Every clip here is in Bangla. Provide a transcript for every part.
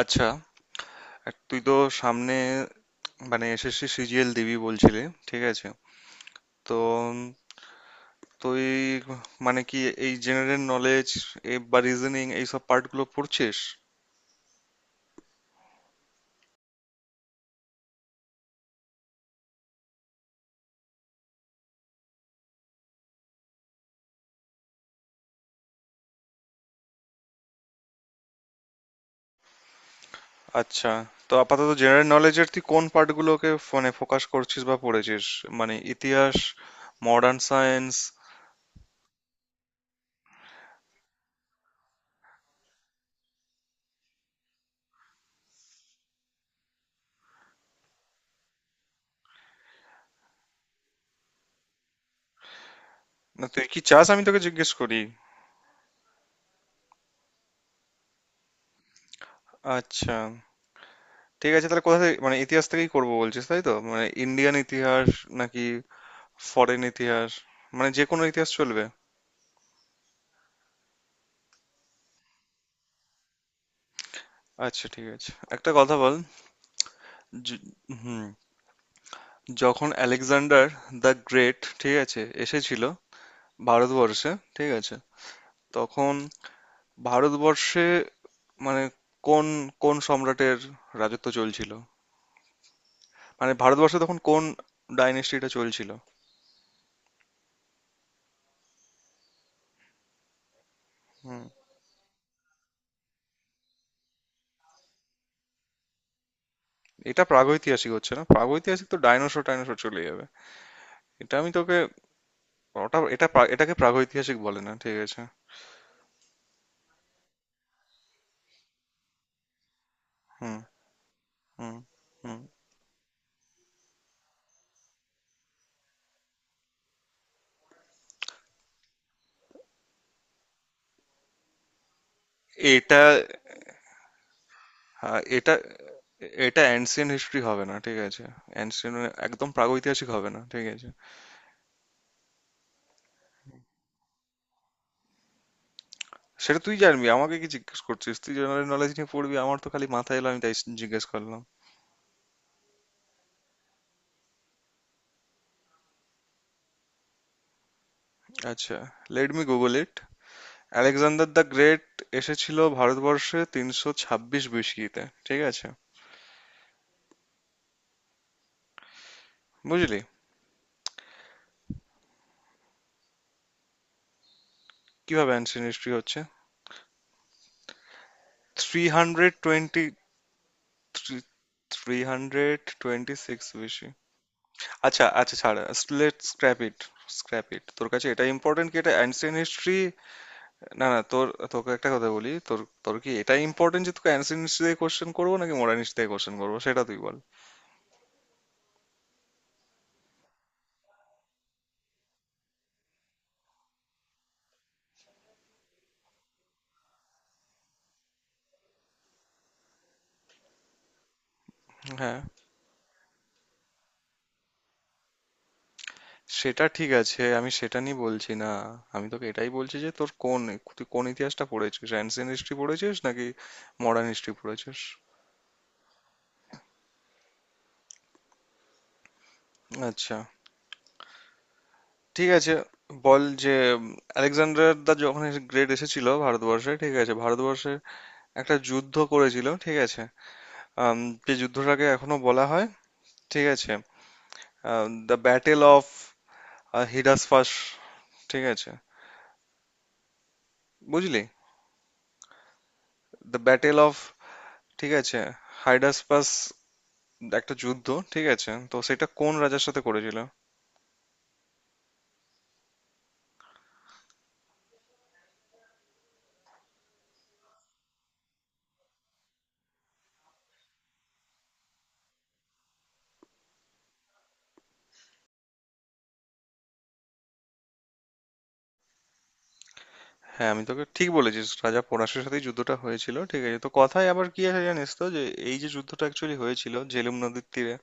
আচ্ছা, তুই তো সামনে মানে SSC CGL দিবি বলছিলি, ঠিক আছে? তো উম, তুই মানে কি এই জেনারেল নলেজ বা রিজনিং এই সব পার্টগুলো পড়ছিস? আচ্ছা, তো আপাতত জেনারেল নলেজের তুই কোন পার্টগুলোকে ফোনে ফোকাস করছিস বা পড়েছিস? মানে ইতিহাস, মডার্ন সায়েন্স? না, তুই কি চাস আমি তোকে জিজ্ঞেস করি? আচ্ছা, ঠিক আছে। তাহলে কোথা থেকে, মানে ইতিহাস থেকেই করবো বলছিস তাই তো? মানে ইন্ডিয়ান ইতিহাস নাকি ফরেন ইতিহাস, মানে যে কোনো ইতিহাস চলবে? আচ্ছা, ঠিক আছে, একটা কথা বল। য- হুম, যখন আলেকজান্ডার দ্য গ্রেট, ঠিক আছে, এসেছিল ভারতবর্ষে, ঠিক আছে, তখন ভারতবর্ষে মানে কোন কোন সম্রাটের রাজত্ব চলছিল? মানে ভারতবর্ষে তখন কোন ডাইনেস্টিটা চলছিল? হুম, এটা প্রাগৈতিহাসিক হচ্ছে না, প্রাগৈতিহাসিক তো ডাইনোসর টাইনোসর চলে যাবে। এটা আমি তোকে ওটা এটা এটাকে প্রাগৈতিহাসিক বলে না, ঠিক আছে? হুম, হুম, হুম। এটা, হ্যাঁ, এটা এটা অ্যান্সিয়েন্ট হিস্ট্রি হবে না, ঠিক আছে? অ্যান্সিয়েন্ট, একদম প্রাগৈতিহাসিক হবে না, ঠিক আছে। সেটা তুই জানবি, আমাকে কি জিজ্ঞেস করছিস? তুই জেনারেল নলেজ নিয়ে পড়বি, আমার তো খালি মাথায় এলো, আমি তাই জিজ্ঞেস করলাম। আচ্ছা, let me Google it. Alexander the great এসেছিল ভারতবর্ষে 326 বিসিতে, ঠিক আছে? বুঝলি? কিভাবে অ্যান্সিয়েন্ট হিস্ট্রি হচ্ছে? Three hundred twenty 326 BC। আচ্ছা, আচ্ছা, ছাড়, let scrap it, scrap it. তোর কাছে এটা ইম্পর্টেন্ট কি এটা অ্যান্সিয়েন্ট হিস্ট্রি? না, না, তোকে একটা কথা বলি। তোর তোর কি এটা ইম্পর্টেন্ট যে তোকে অ্যানসিয়েন্ট দিয়ে কোশ্চেন করবো নাকি মডার্ন হিস্ট্রি দিয়ে কোশ্চেন করবো, সেটা তুই বল। হ্যাঁ, সেটা ঠিক আছে, আমি সেটা নিয়ে বলছি না। আমি তোকে এটাই বলছি যে তোর কোন তুই কোন ইতিহাসটা পড়েছিস, অ্যানসিয়েন্ট হিস্ট্রি পড়েছিস নাকি মডার্ন হিস্ট্রি পড়েছিস? আচ্ছা, ঠিক আছে, বল যে আলেকজান্ডার দা যখন গ্রেট এসেছিল ভারতবর্ষে, ঠিক আছে, ভারতবর্ষে একটা যুদ্ধ করেছিল, ঠিক আছে। আম, যে যুদ্ধটাকে এখনো বলা হয়, ঠিক আছে, দ্য ব্যাটেল অফ হিডাসপাস, ঠিক আছে, বুঝলি? দ্য ব্যাটেল অফ, ঠিক আছে, হাইডাসপাস, একটা যুদ্ধ, ঠিক আছে। তো সেটা কোন রাজার সাথে করেছিল? হ্যাঁ, আমি তোকে ঠিক বলেছিস, রাজা পোরাসের সাথেই যুদ্ধটা হয়েছিল, ঠিক আছে। তো কথায় আবার কি আছে জানিস তো যে এই যে যুদ্ধটা অ্যাকচুয়ালি হয়েছিল ঝেলুম নদীর তীরে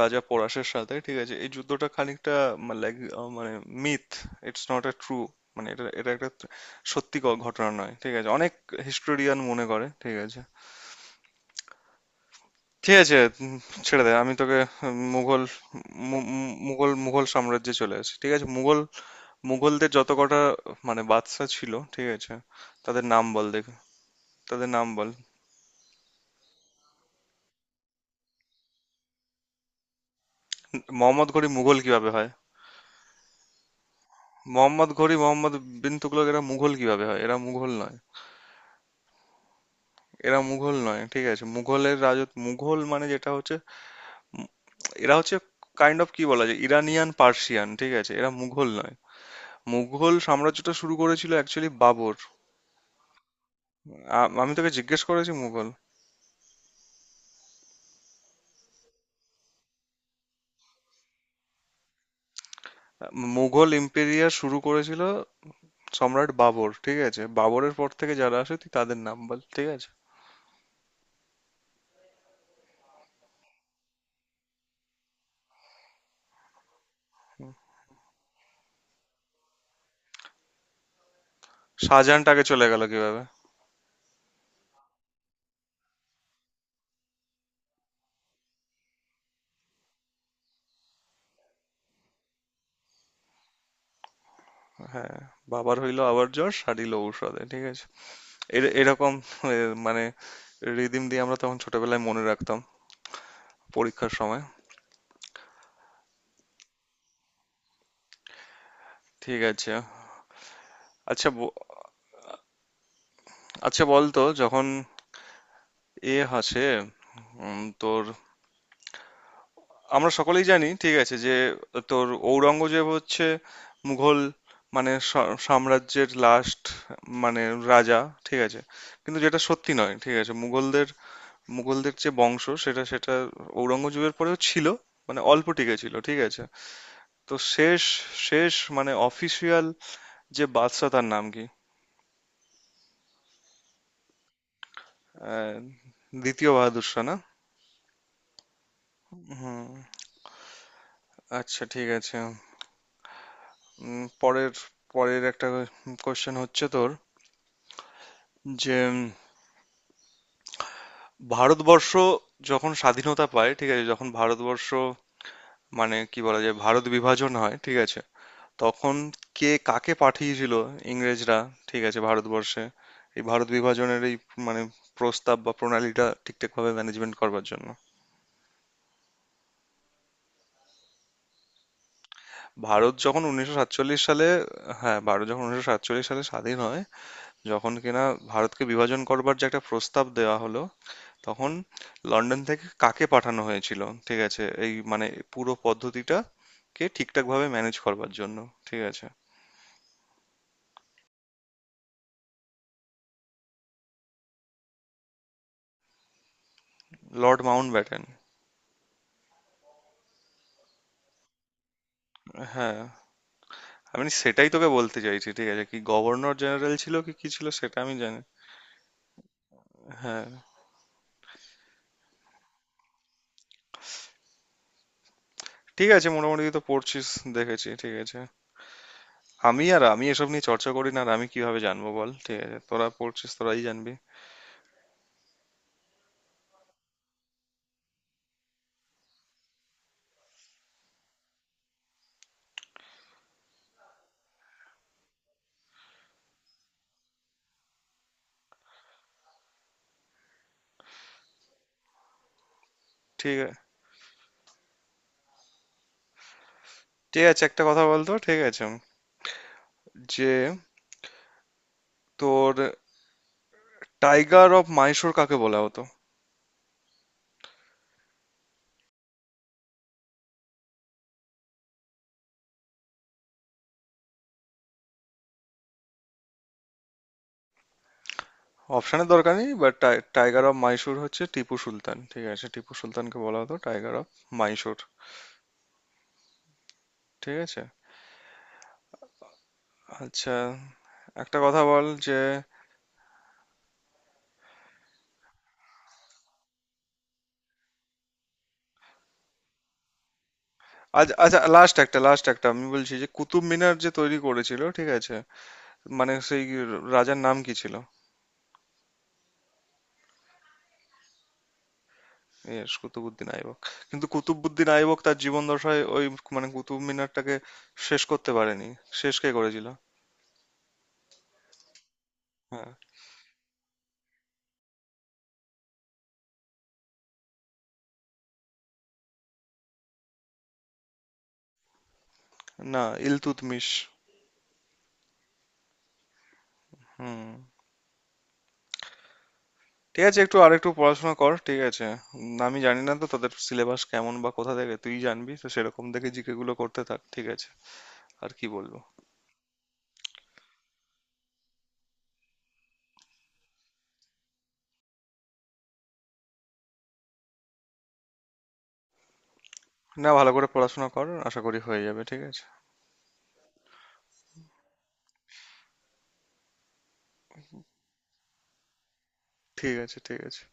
রাজা পোরাসের সাথে, ঠিক আছে। এই যুদ্ধটা খানিকটা লাইক মানে myth, it's not a true, মানে এটা এটা একটা সত্যি ঘটনা নয়, ঠিক আছে, অনেক হিস্টোরিয়ান মনে করে, ঠিক আছে, ঠিক আছে। উম, ছেড়ে দে, আমি তোকে মুঘল, মু- মু- মুঘল মুঘল সাম্রাজ্যে চলে আসি, ঠিক আছে। মুঘলদের যত কটা মানে বাদশা ছিল, ঠিক আছে, তাদের নাম বল দেখে। তাদের নাম বল। মোহাম্মদ ঘুরি মুঘল কিভাবে হয়? মোহাম্মদ ঘুরি, মোহাম্মদ বিন তুগলক এরা মুঘল কিভাবে হয়? এরা মুঘল নয়, এরা মুঘল নয়, ঠিক আছে। মুঘলের রাজত্ব, মুঘল মানে যেটা হচ্ছে, এরা হচ্ছে কাইন্ড অফ কি বলা যায় ইরানিয়ান পার্সিয়ান, ঠিক আছে, এরা মুঘল নয়। মুঘল সাম্রাজ্যটা শুরু করেছিল অ্যাকচুয়ালি বাবর। আমি তোকে জিজ্ঞেস করেছি মুঘল। মুঘল এম্পেরিয়ার শুরু করেছিল সম্রাট বাবর, ঠিক আছে, বাবরের পর থেকে যারা আসে তুই তাদের নাম বল, ঠিক আছে। শাহজাহানটাকে চলে গেল কিভাবে? হ্যাঁ, বাবার হইলো আবার জ্বর সারিল ঔষধে, ঠিক আছে, এরকম এ, মানে রিদিম দিয়ে আমরা তখন ছোটবেলায় মনে রাখতাম, পরীক্ষার সময়, ঠিক আছে। আচ্ছা, আচ্ছা বলতো যখন এ আসে তোর, আমরা সকলেই জানি, ঠিক আছে, যে তোর ঔরঙ্গজেব হচ্ছে মুঘল মানে সাম্রাজ্যের লাস্ট মানে রাজা, ঠিক আছে। কিন্তু যেটা সত্যি নয়, ঠিক আছে, মুঘলদের মুঘলদের যে বংশ সেটা সেটা ঔরঙ্গজেবের পরেও ছিল, মানে অল্প টিকে ছিল, ঠিক আছে। তো শেষ শেষ মানে অফিসিয়াল যে বাদশা তার নাম কি? আহ, দ্বিতীয় বাহাদুর শাহ না? হুম, আচ্ছা, ঠিক আছে। পরের পরের একটা কোশ্চেন হচ্ছে তোর যে ভারতবর্ষ যখন স্বাধীনতা পায়, ঠিক আছে? যখন ভারতবর্ষ মানে কি বলা যায় ভারত বিভাজন হয়, ঠিক আছে? তখন কে কাকে পাঠিয়েছিল ইংরেজরা, ঠিক আছে, ভারতবর্ষে? এই ভারত বিভাজনের এই মানে প্রস্তাব বা প্রণালীটা ঠিকঠাকভাবে ম্যানেজমেন্ট করবার জন্য। ভারত যখন উনিশশো সাতচল্লিশ সালে হ্যাঁ, ভারত যখন 1947 সালে স্বাধীন হয়, যখন কিনা ভারতকে বিভাজন করবার যে একটা প্রস্তাব দেওয়া হলো, তখন লন্ডন থেকে কাকে পাঠানো হয়েছিল, ঠিক আছে, এই মানে পুরো পদ্ধতিটা কে ঠিকঠাকভাবে ম্যানেজ করবার জন্য, ঠিক আছে? Lord Mountbatten. হ্যাঁ, আমি সেটাই তোকে বলতে চাইছি, ঠিক আছে, কি গভর্নর জেনারেল ছিল কি কি ছিল সেটা আমি জানি। হ্যাঁ, ঠিক আছে, মোটামুটি তো পড়ছিস দেখেছি, ঠিক আছে। আর আমি এসব নিয়ে চর্চা করি না, আর আমি কিভাবে জানবো বল, ঠিক আছে? তোরা পড়ছিস, তোরাই জানবি। ঠিক আছে, ঠিক আছে, একটা কথা বলতো, ঠিক আছে, যে তোর টাইগার অফ মাইশোর কাকে বলা হতো? অপশনের দরকার নেই, বাট টাইগার অফ মাইসুর হচ্ছে টিপু সুলতান, ঠিক আছে। টিপু সুলতানকে বলা হতো টাইগার অফ মাইসুর, ঠিক আছে। আচ্ছা, একটা কথা বল যে, আচ্ছা, লাস্ট একটা আমি বলছি যে কুতুব মিনার যে তৈরি করেছিল, ঠিক আছে, মানে সেই রাজার নাম কি ছিল? এ, কুতুবউদ্দিন আইবক, কিন্তু কুতুবউদ্দিন আইবক তার জীবন দশায় ওই মানে কুতুব মিনারটাকে শেষ করতে পারেনি। শেষ কে করেছিল? হ্যাঁ, না, ইলতুৎমিশ। হুম, ঠিক আছে, একটু আর একটু পড়াশোনা কর, ঠিক আছে। আমি জানি না তো তাদের সিলেবাস কেমন বা কোথা থেকে, তুই জানবি তো সেরকম দেখে GK গুলো করতে থাক, ঠিক আছে। আর কি বলবো, না, ভালো করে পড়াশোনা কর, আশা করি হয়ে যাবে, ঠিক আছে, ঠিক আছে, ঠিক আছে।